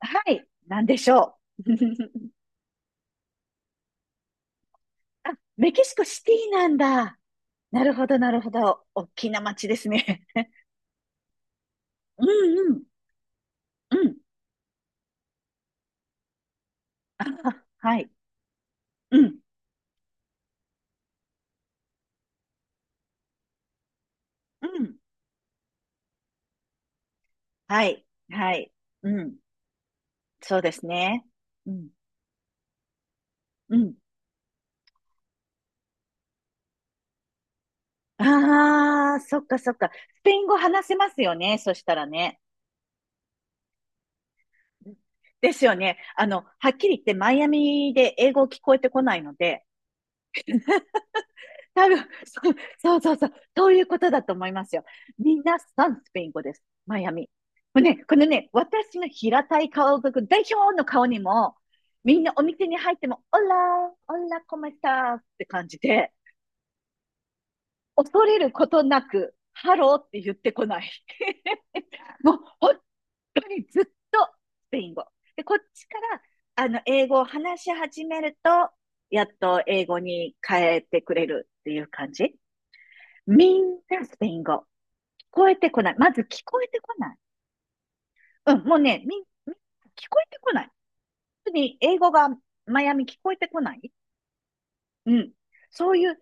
はい。なんでしょう。あ、メキシコシティなんだ。なるほど、なるほど。大きな街ですね。うんうん、うん。あ、はい。うん、うん。はい、はい。うん。そうですね。うん、うん。ああ、そっかそっか。スペイン語話せますよね、そしたらね。ですよね。あの、はっきり言ってマイアミで英語聞こえてこないので、多分、そうそう、そういうことだと思いますよ。みんなさんスペイン語です、マイアミ。もうね、このね、私の平たい顔族代表の顔にも、みんなお店に入っても、オラー、オラコメスターって感じで、恐れることなく、ハローって言ってこない。もう本当にずっとスペイン語。で、こっちから、あの、英語を話し始めると、やっと英語に変えてくれるっていう感じ。みんなスペイン語。こえてこない。まず聞こえてこない。うん、もうね、聞こえてこない。特に英語がマイアミ聞こえてこない。うん。そういう、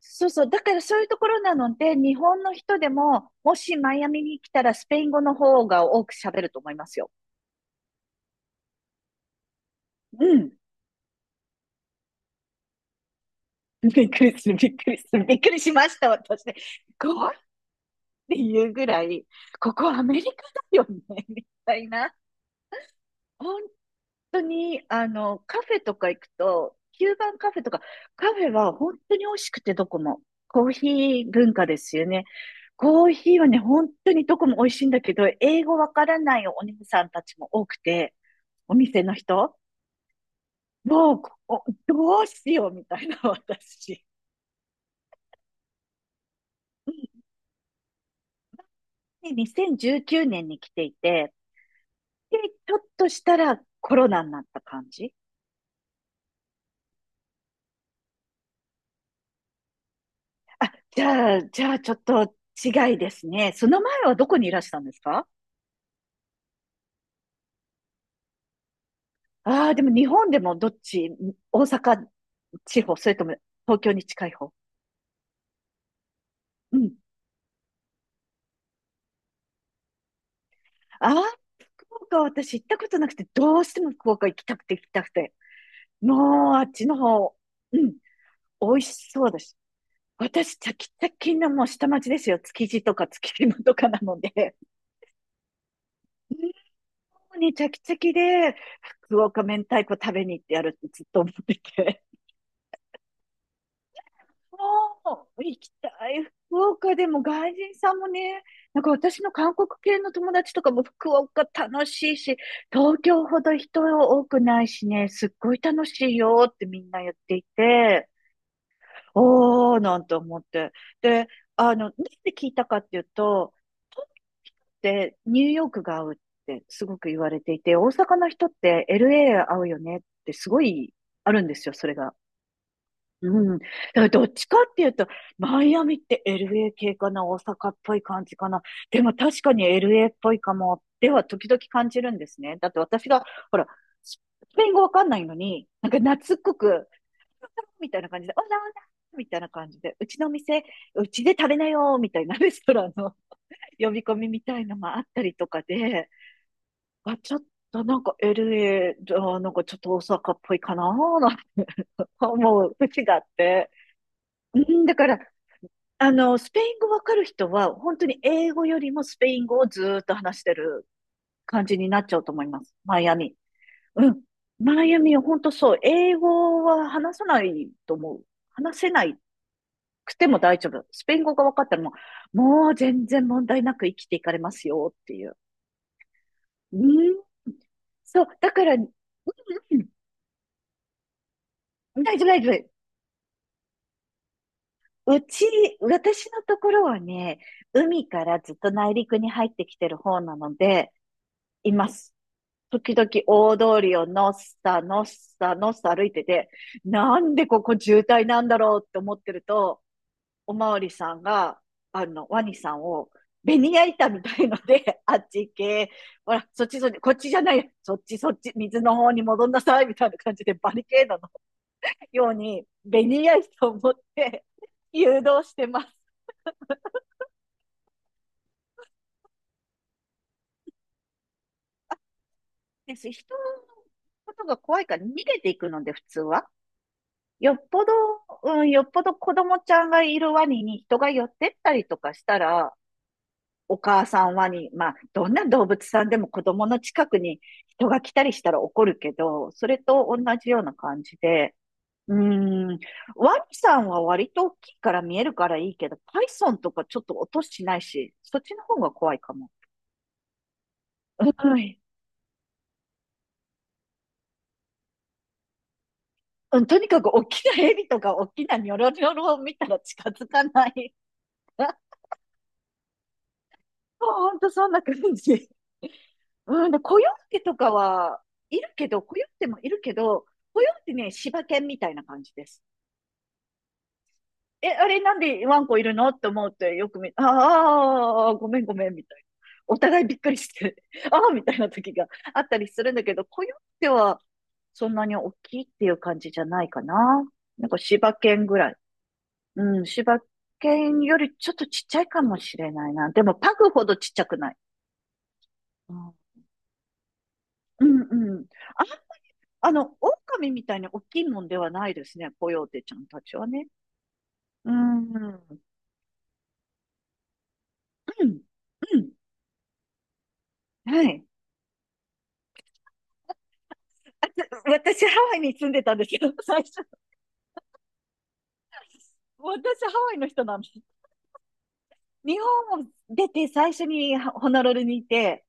そうそう。だからそういうところなので、日本の人でも、もしマイアミに来たらスペイン語の方が多く喋ると思いますよ。うん。びっくりする、びっくりする、びっくりしました、私ね。こうっていうぐらい、ここアメリカだよね、みたいな。同本当に、あの、カフェとか行くと、キューバンカフェとか、カフェは本当に美味しくてどこも。コーヒー文化ですよね。コーヒーはね、本当にどこも美味しいんだけど、英語わからないお姉さんたちも多くて、お店の人、もう、おどうしようみたいな私。で、2019年に来ていて、で、ちょっとしたらコロナになった感じ。あ、じゃあ、じゃあちょっと違いですね。その前はどこにいらしたんですか？ああ、でも日本でもどっち、大阪地方、それとも東京に近い方。うん。ああ、福岡は私行ったことなくて、どうしても福岡行きたくて行きたくて。もうあっちの方、うん、美味しそうだし。私、チャキチャキのもう下町ですよ。築地とか築島とかなので。もうね、チャキチャキで、福岡明太子食べに行ってやるってずっと思ってて。あー行きたい。福岡でも外人さんもね、なんか私の韓国系の友達とかも福岡楽しいし、東京ほど人多くないしね、すっごい楽しいよってみんな言っていて、おーなんて思って。で、あの、なんで聞いたかっていうと、東京の人ってニューヨークが合うってすごく言われていて、大阪の人って LA 合うよねってすごいあるんですよ、それが。うん。だからどっちかっていうと、マイアミって LA 系かな、大阪っぽい感じかな。でも確かに LA っぽいかも、では時々感じるんですね。だって私が、ほら、スペイン語わかんないのに、なんか懐っこく、みたいな感じで、オラオラみたいな感じで、うちの店、うちで食べなよ、みたいなレストランの 呼び込みみたいのもあったりとかで、あ、ちょっとなんか LA、あなんかちょっと大阪っぽいかな、なんて思う節があって。うん、だから、あの、スペイン語わかる人は、本当に英語よりもスペイン語をずーっと話してる感じになっちゃうと思います、マイアミ。うん。マイアミは本当そう。英語は話さないと思う。話せないくても大丈夫。スペイン語が分かったらもう全然問題なく生きていかれますよっていう。うん。そう。だから、うん、うん。大丈夫、大丈夫。うち、私のところはね、海からずっと内陸に入ってきてる方なので、います。時々大通りをのっさ歩いてて、なんでここ渋滞なんだろうって思ってると、おまわりさんが、あの、ワニさんを、ベニヤ板みたいので、あっち行け、ほら、そっちそっち、こっちじゃない、そっちそっち、水の方に戻んなさい、みたいな感じで、バリケードのように、ベニヤ板を持って誘導してます。です。人のことが怖いから逃げていくので、普通は。よっぽど、うん、よっぽど子供ちゃんがいるワニに人が寄ってったりとかしたら、お母さんワニ、まあ、どんな動物さんでも子供の近くに人が来たりしたら怒るけど、それと同じような感じで、うーん、ワニさんは割と大きいから見えるからいいけど、パイソンとかちょっと音しないし、そっちの方が怖いかも。うん、うん、とにかく大きなヘビとか大きなニョロニョロを見たら近づかない。ほんとそんな感じ。うん、で、コヨーテとかはいるけど、コヨーテもいるけど、コヨーテね、柴犬みたいな感じです。え、あれなんでワンコいるのって思ってよく見、ああ、ごめんごめんみたいな。お互いびっくりして、ああ、みたいな時があったりするんだけど、コヨーテはそんなに大きいっていう感じじゃないかな。なんか柴犬ぐらい。うん、柴犬よりちょっとちっちゃいかもしれないな。でもパグほどちっちゃくない。うんうんうん。あの、狼みたいに大きいもんではないですね、コヨーテちゃんたちはね。うん。うんうん。うん、はい。あと私、ハワイに住んでたんですよ、最初。私、ハワイの人なんです。日本を出て最初にホノルルにいて、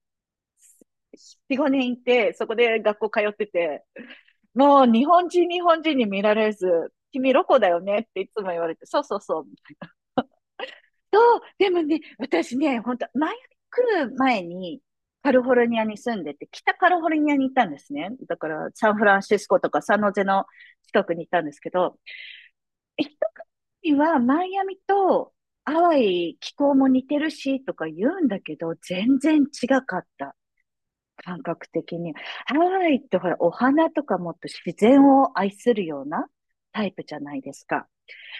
4、5年いて、そこで学校通ってて、もう日本人、日本人に見られず、君ロコだよねっていつも言われて、そうそうそう、そう。でもね、私ね、本当前来る前に、カリフォルニアに住んでて、北カリフォルニアに行ったんですね。だから、サンフランシスコとかサンノゼの近くに行ったんですけど、一国はマイアミとハワイ気候も似てるしとか言うんだけど、全然違かった。感覚的に。ハワイってほら、お花とかもっと自然を愛するようなタイプじゃないですか。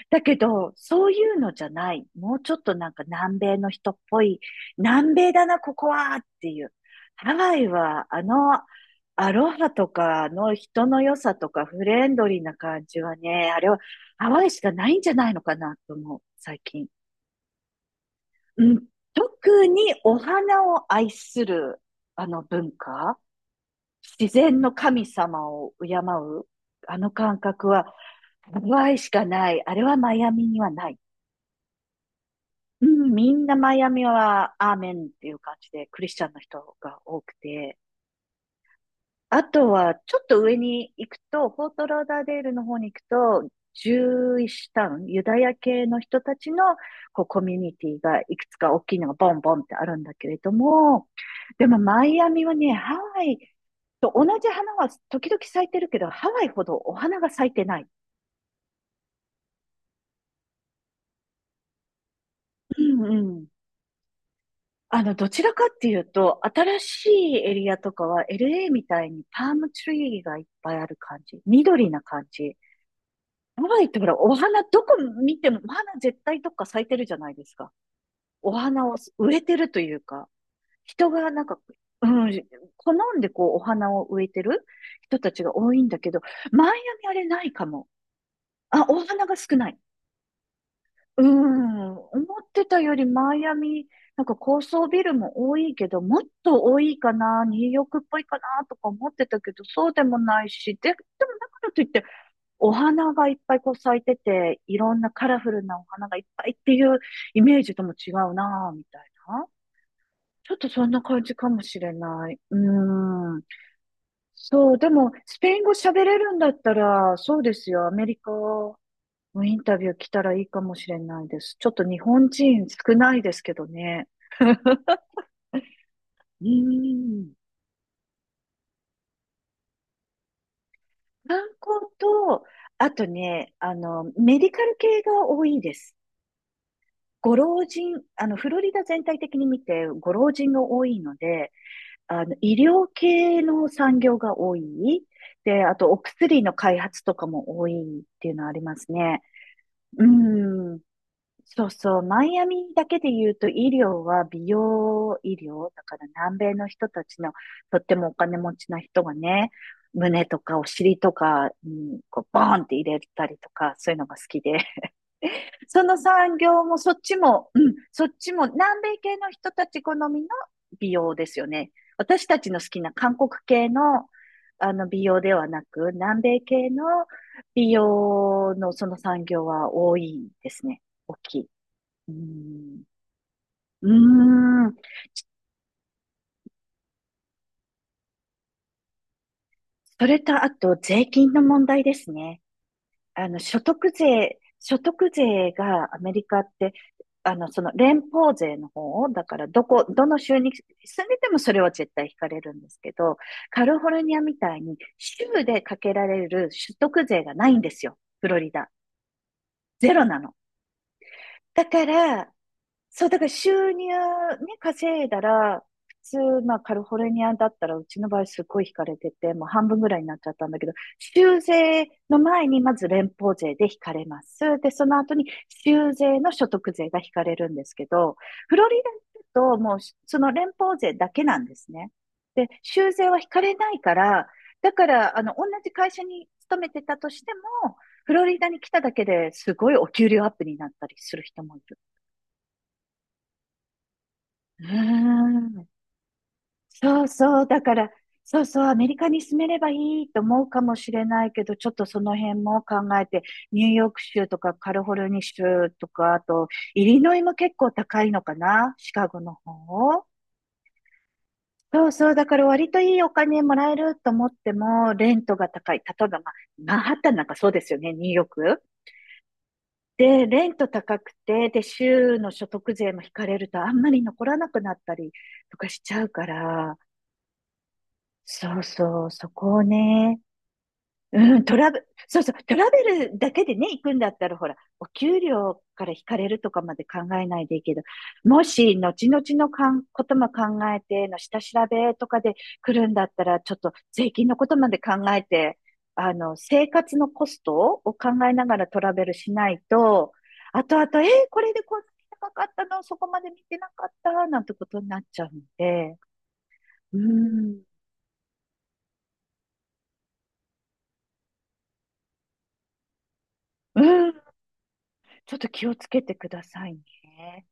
だけど、そういうのじゃない。もうちょっとなんか南米の人っぽい、南米だな、ここはっていう。ハワイは、あの、アロハとかの人の良さとかフレンドリーな感じはね、あれはハワイしかないんじゃないのかなと思う、最近。うん、特にお花を愛するあの文化、自然の神様を敬う、あの感覚はハワイしかない。あれはマイアミにはない。うん、みんなマイアミはアーメンっていう感じで、クリスチャンの人が多くて、あとはちょっと上に行くと、フォートローダーデールの方に行くと、ジューイッシュタウン、ユダヤ系の人たちのこうコミュニティがいくつか大きいのがボンボンってあるんだけれども、でもマイアミはね、ハワイと同じ花は時々咲いてるけど、ハワイほどお花が咲いてない。うん、どちらかっていうと、新しいエリアとかは LA みたいにパームツリーがいっぱいある感じ。緑な感じ。ハワイってほら、お花どこ見ても、お花絶対どっか咲いてるじゃないですか。お花を植えてるというか、人がなんか、うん、好んでこうお花を植えてる人たちが多いんだけど、マイアミあれないかも。あ、お花が少ない。うん、思ってたよりマイアミ、なんか高層ビルも多いけど、もっと多いかな、ニューヨークっぽいかなとか思ってたけど、そうでもないし、でもだからといって、お花がいっぱいこう咲いてて、いろんなカラフルなお花がいっぱいっていうイメージとも違うな、みたいな。ちょっとそんな感じかもしれない。うん。そう、でも、スペイン語喋れるんだったら、そうですよ、アメリカもうインタビュー来たらいいかもしれないです。ちょっと日本人少ないですけどね。うーん。観光と、あとね、メディカル系が多いです。ご老人、フロリダ全体的に見て、ご老人が多いので、医療系の産業が多い。で、あと、お薬の開発とかも多いっていうのはありますね。うん。そうそう、マイアミだけで言うと医療は美容医療、だから南米の人たちのとってもお金持ちな人がね、胸とかお尻とかにこうボーンって入れたりとか、そういうのが好きで、その産業もそっちも、うん、そっちも南米系の人たち好みの美容ですよね。私たちの好きな韓国系の、あの美容ではなく、南米系の美容のその産業は多いですね。大きい。うん。うーん。それと、あと、税金の問題ですね。所得税がアメリカって、その連邦税の方、だから、どの州に住んでてもそれは絶対引かれるんですけど、カリフォルニアみたいに州でかけられる所得税がないんですよ。フロリダ。ゼロなの。だから、そう、だから収入ね、稼いだら、普通、まあ、カリフォルニアだったら、うちの場合すごい引かれてて、もう半分ぐらいになっちゃったんだけど、州税の前にまず連邦税で引かれます。で、その後に州税の所得税が引かれるんですけど、フロリダだともうその連邦税だけなんですね。で、州税は引かれないから、だから、同じ会社に勤めてたとしても、フロリダに来ただけですごいお給料アップになったりする人もい、うーん、そうそう、だから、そうそう、アメリカに住めればいいと思うかもしれないけど、ちょっとその辺も考えて、ニューヨーク州とかカリフォルニア州とか、あと、イリノイも結構高いのかな、シカゴの方。そうそう、だから割といいお金もらえると思っても、レントが高い。例えば、まあ、マンハッタンなんかそうですよね、ニューヨーク。で、レント高くて、で、州の所得税も引かれると、あんまり残らなくなったりとかしちゃうから、そうそう、そこをね、うん、トラブ、そうそう、トラベルだけでね、行くんだったら、ほら、お給料から引かれるとかまで考えないでいいけど、もし、後々のかん、ことも考えての下調べとかで来るんだったら、ちょっと税金のことまで考えて、生活のコストを考えながらトラベルしないと、後々、これでこんなに高かったの、そこまで見てなかった、なんてことになっちゃうんで、うん。うん、ちょっと気をつけてくださいね。